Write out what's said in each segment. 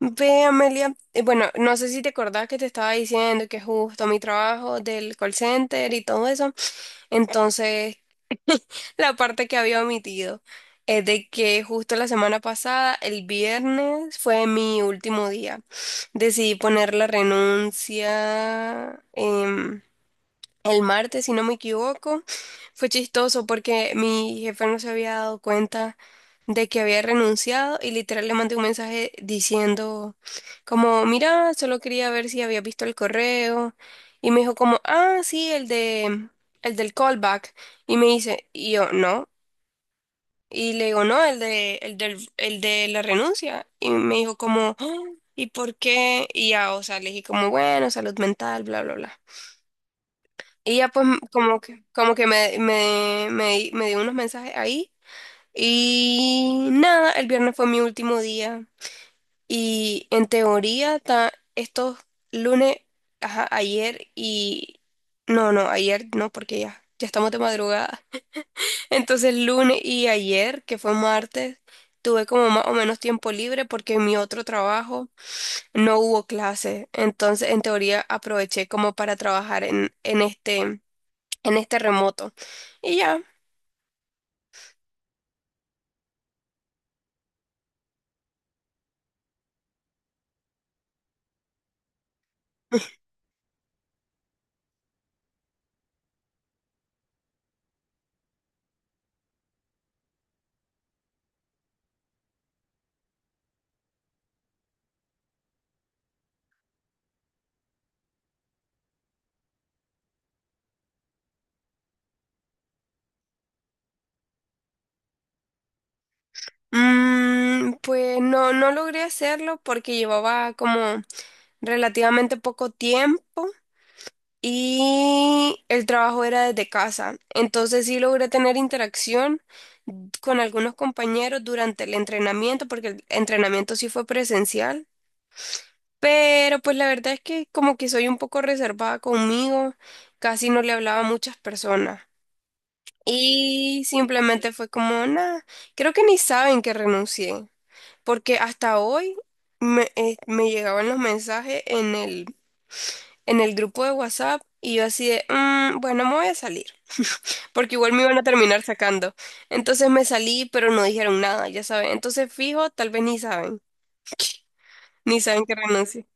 Ve, Amelia, bueno, no sé si te acordás que te estaba diciendo que justo mi trabajo del call center y todo eso. Entonces, la parte que había omitido es de que justo la semana pasada, el viernes, fue mi último día. Decidí poner la renuncia. El martes, si no me equivoco, fue chistoso porque mi jefe no se había dado cuenta de que había renunciado y literal le mandé un mensaje diciendo como, mira, solo quería ver si había visto el correo y me dijo como, ah, sí, el del callback y me dice, y yo, no, y le digo, no, el de la renuncia y me dijo como: "Ah, ¿y por qué?". Y ya, o sea, le dije como, bueno, salud mental, bla, bla, bla. Y ya pues como que me dio unos mensajes ahí. Y nada, el viernes fue mi último día. Y en teoría estos lunes, ajá, ayer y... No, no, ayer no, porque ya estamos de madrugada. Entonces lunes y ayer, que fue martes, tuve como más o menos tiempo libre porque en mi otro trabajo no hubo clase. Entonces en teoría aproveché como para trabajar en este en este remoto. Y ya, mm, pues no, no logré hacerlo porque llevaba como relativamente poco tiempo y el trabajo era desde casa. Entonces sí logré tener interacción con algunos compañeros durante el entrenamiento, porque el entrenamiento sí fue presencial. Pero pues la verdad es que como que soy un poco reservada conmigo, casi no le hablaba a muchas personas. Y simplemente fue como, nada, creo que ni saben que renuncié, porque hasta hoy me llegaban los mensajes en el grupo de WhatsApp y yo así de: "Mm, bueno, me voy a salir, porque igual me iban a terminar sacando". Entonces me salí, pero no dijeron nada, ya saben. Entonces fijo, tal vez ni saben, ni saben que renuncié.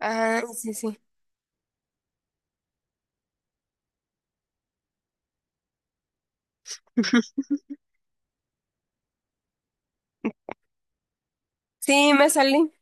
Ah, sí, sí. Sí, me salí.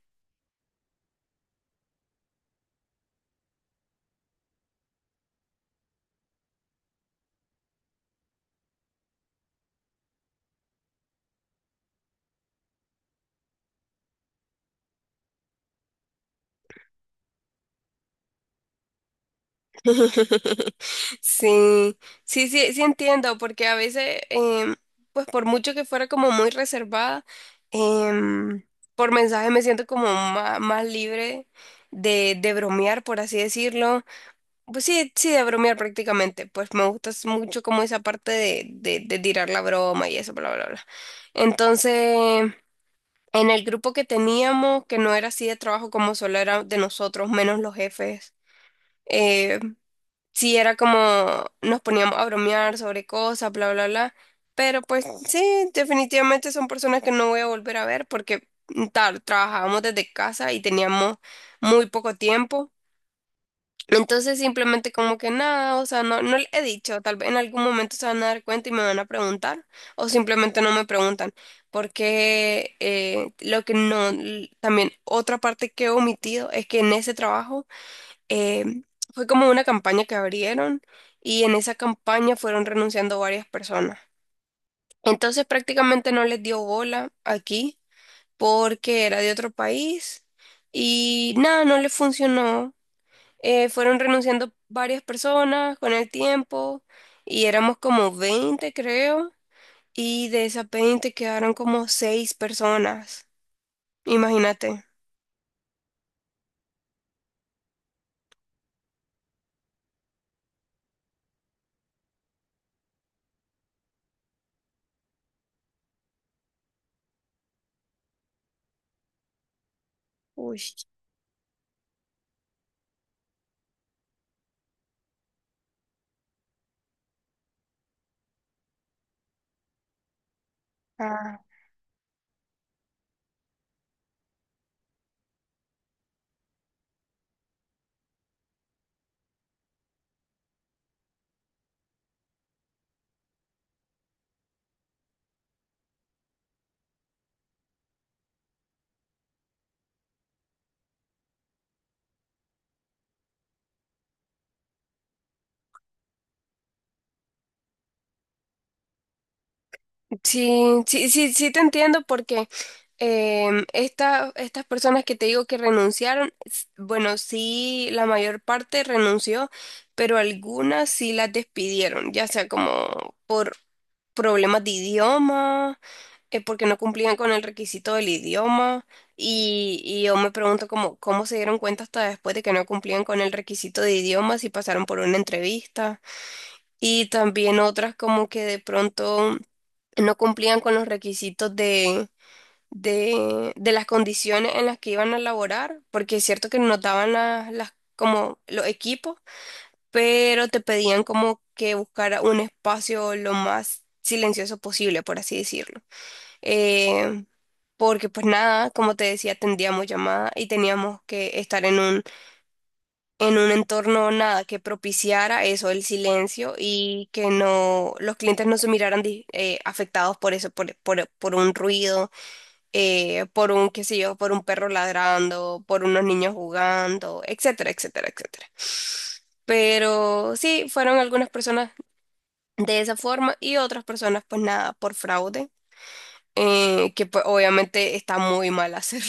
Sí, sí, sí, sí entiendo, porque a veces, pues por mucho que fuera como muy reservada, em, por mensaje me siento como más libre de bromear, por así decirlo. Pues sí, sí, de bromear prácticamente, pues me gusta mucho como esa parte de tirar la broma y eso, bla, bla, bla. Entonces, en el grupo que teníamos, que no era así de trabajo como solo era de nosotros, menos los jefes. eh, sí era como nos poníamos a bromear sobre cosas, bla, bla, bla. Pero pues sí, definitivamente son personas que no voy a volver a ver porque trabajábamos desde casa y teníamos muy poco tiempo. Entonces simplemente como que nada, o sea, no le he dicho, tal vez en algún momento se van a dar cuenta y me van a preguntar o simplemente no me preguntan porque lo que no, también otra parte que he omitido es que en ese trabajo eh, fue como una campaña que abrieron y en esa campaña fueron renunciando varias personas. Entonces prácticamente no les dio bola aquí porque era de otro país y nada, no les funcionó. Fueron renunciando varias personas con el tiempo y éramos como 20 creo y de esas 20 quedaron como 6 personas. Imagínate. Uy. Sí, sí, sí, sí te entiendo porque estas personas que te digo que renunciaron, bueno, sí, la mayor parte renunció, pero algunas sí las despidieron, ya sea como por problemas de idioma, porque no cumplían con el requisito del idioma, y yo me pregunto cómo, cómo se dieron cuenta hasta después de que no cumplían con el requisito de idioma, si pasaron por una entrevista, y también otras como que de pronto no cumplían con los requisitos de las condiciones en las que iban a laborar, porque es cierto que nos daban como los equipos, pero te pedían como que buscara un espacio lo más silencioso posible, por así decirlo. Eh, porque pues nada, como te decía, tendríamos llamada y teníamos que estar en un entorno nada que propiciara eso, el silencio y que no los clientes no se miraran afectados por eso, por un ruido, por un, qué sé yo, por un perro ladrando, por unos niños jugando, etcétera, etcétera, etcétera. Pero sí, fueron algunas personas de esa forma y otras personas, pues nada, por fraude, que pues obviamente está muy mal hacerlo.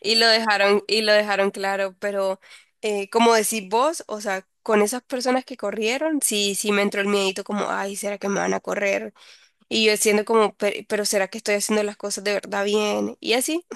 Y lo dejaron claro, pero como decís vos, o sea, con esas personas que corrieron, sí, sí me entró el miedito como, ay, ¿será que me van a correr? Y yo siendo como: pero, ¿será que estoy haciendo las cosas de verdad bien?". Y así.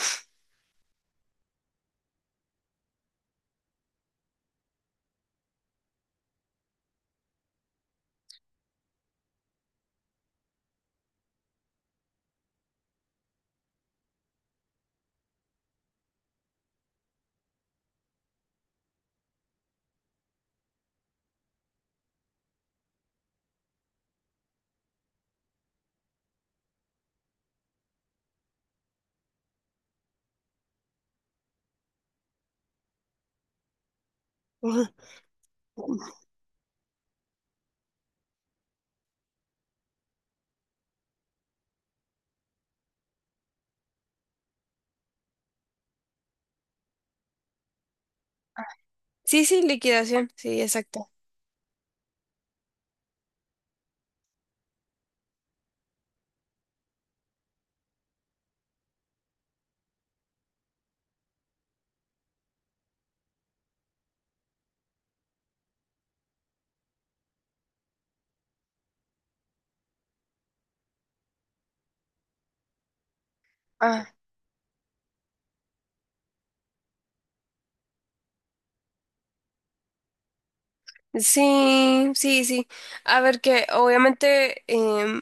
Ujú. Sí, sí, liquidación, sí, exacto. Ah, sí, sí, sí. A ver que obviamente,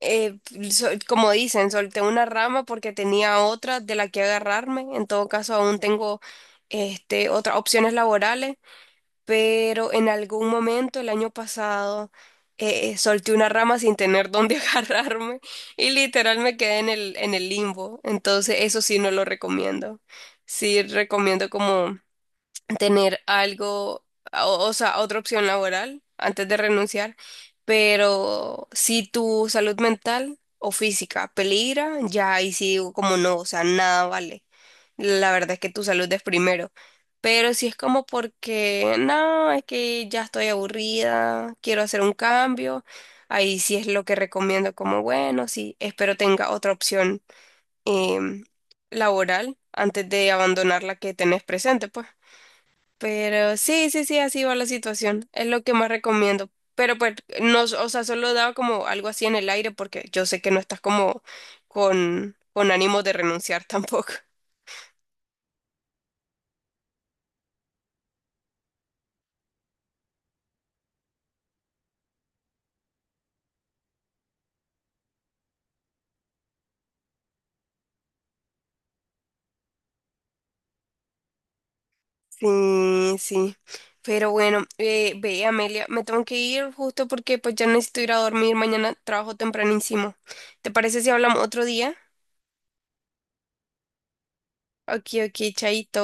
eh, como dicen, solté una rama porque tenía otra de la que agarrarme. En todo caso, aún tengo este, otras opciones laborales. Pero en algún momento el año pasado solté una rama sin tener dónde agarrarme y literal me quedé en el limbo. Entonces, eso sí no lo recomiendo. Sí recomiendo como tener algo, o sea, otra opción laboral antes de renunciar, pero si tu salud mental o física peligra, ya ahí sí digo como no, o sea, nada vale. La verdad es que tu salud es primero. Pero si es como porque, no, es que ya estoy aburrida, quiero hacer un cambio, ahí sí es lo que recomiendo como, bueno, sí, espero tenga otra opción em, laboral antes de abandonar la que tenés presente, pues. Pero sí, sí, sí, así va la situación. Es lo que más recomiendo. Pero pues, no, o sea, solo daba como algo así en el aire porque yo sé que no estás como con ánimo de renunciar tampoco. Sí, sí. Pero bueno, ve, Amelia, me tengo que ir justo porque pues ya necesito ir a dormir. Mañana trabajo tempranísimo. ¿Te parece si hablamos otro día? Ok, ok, chaito.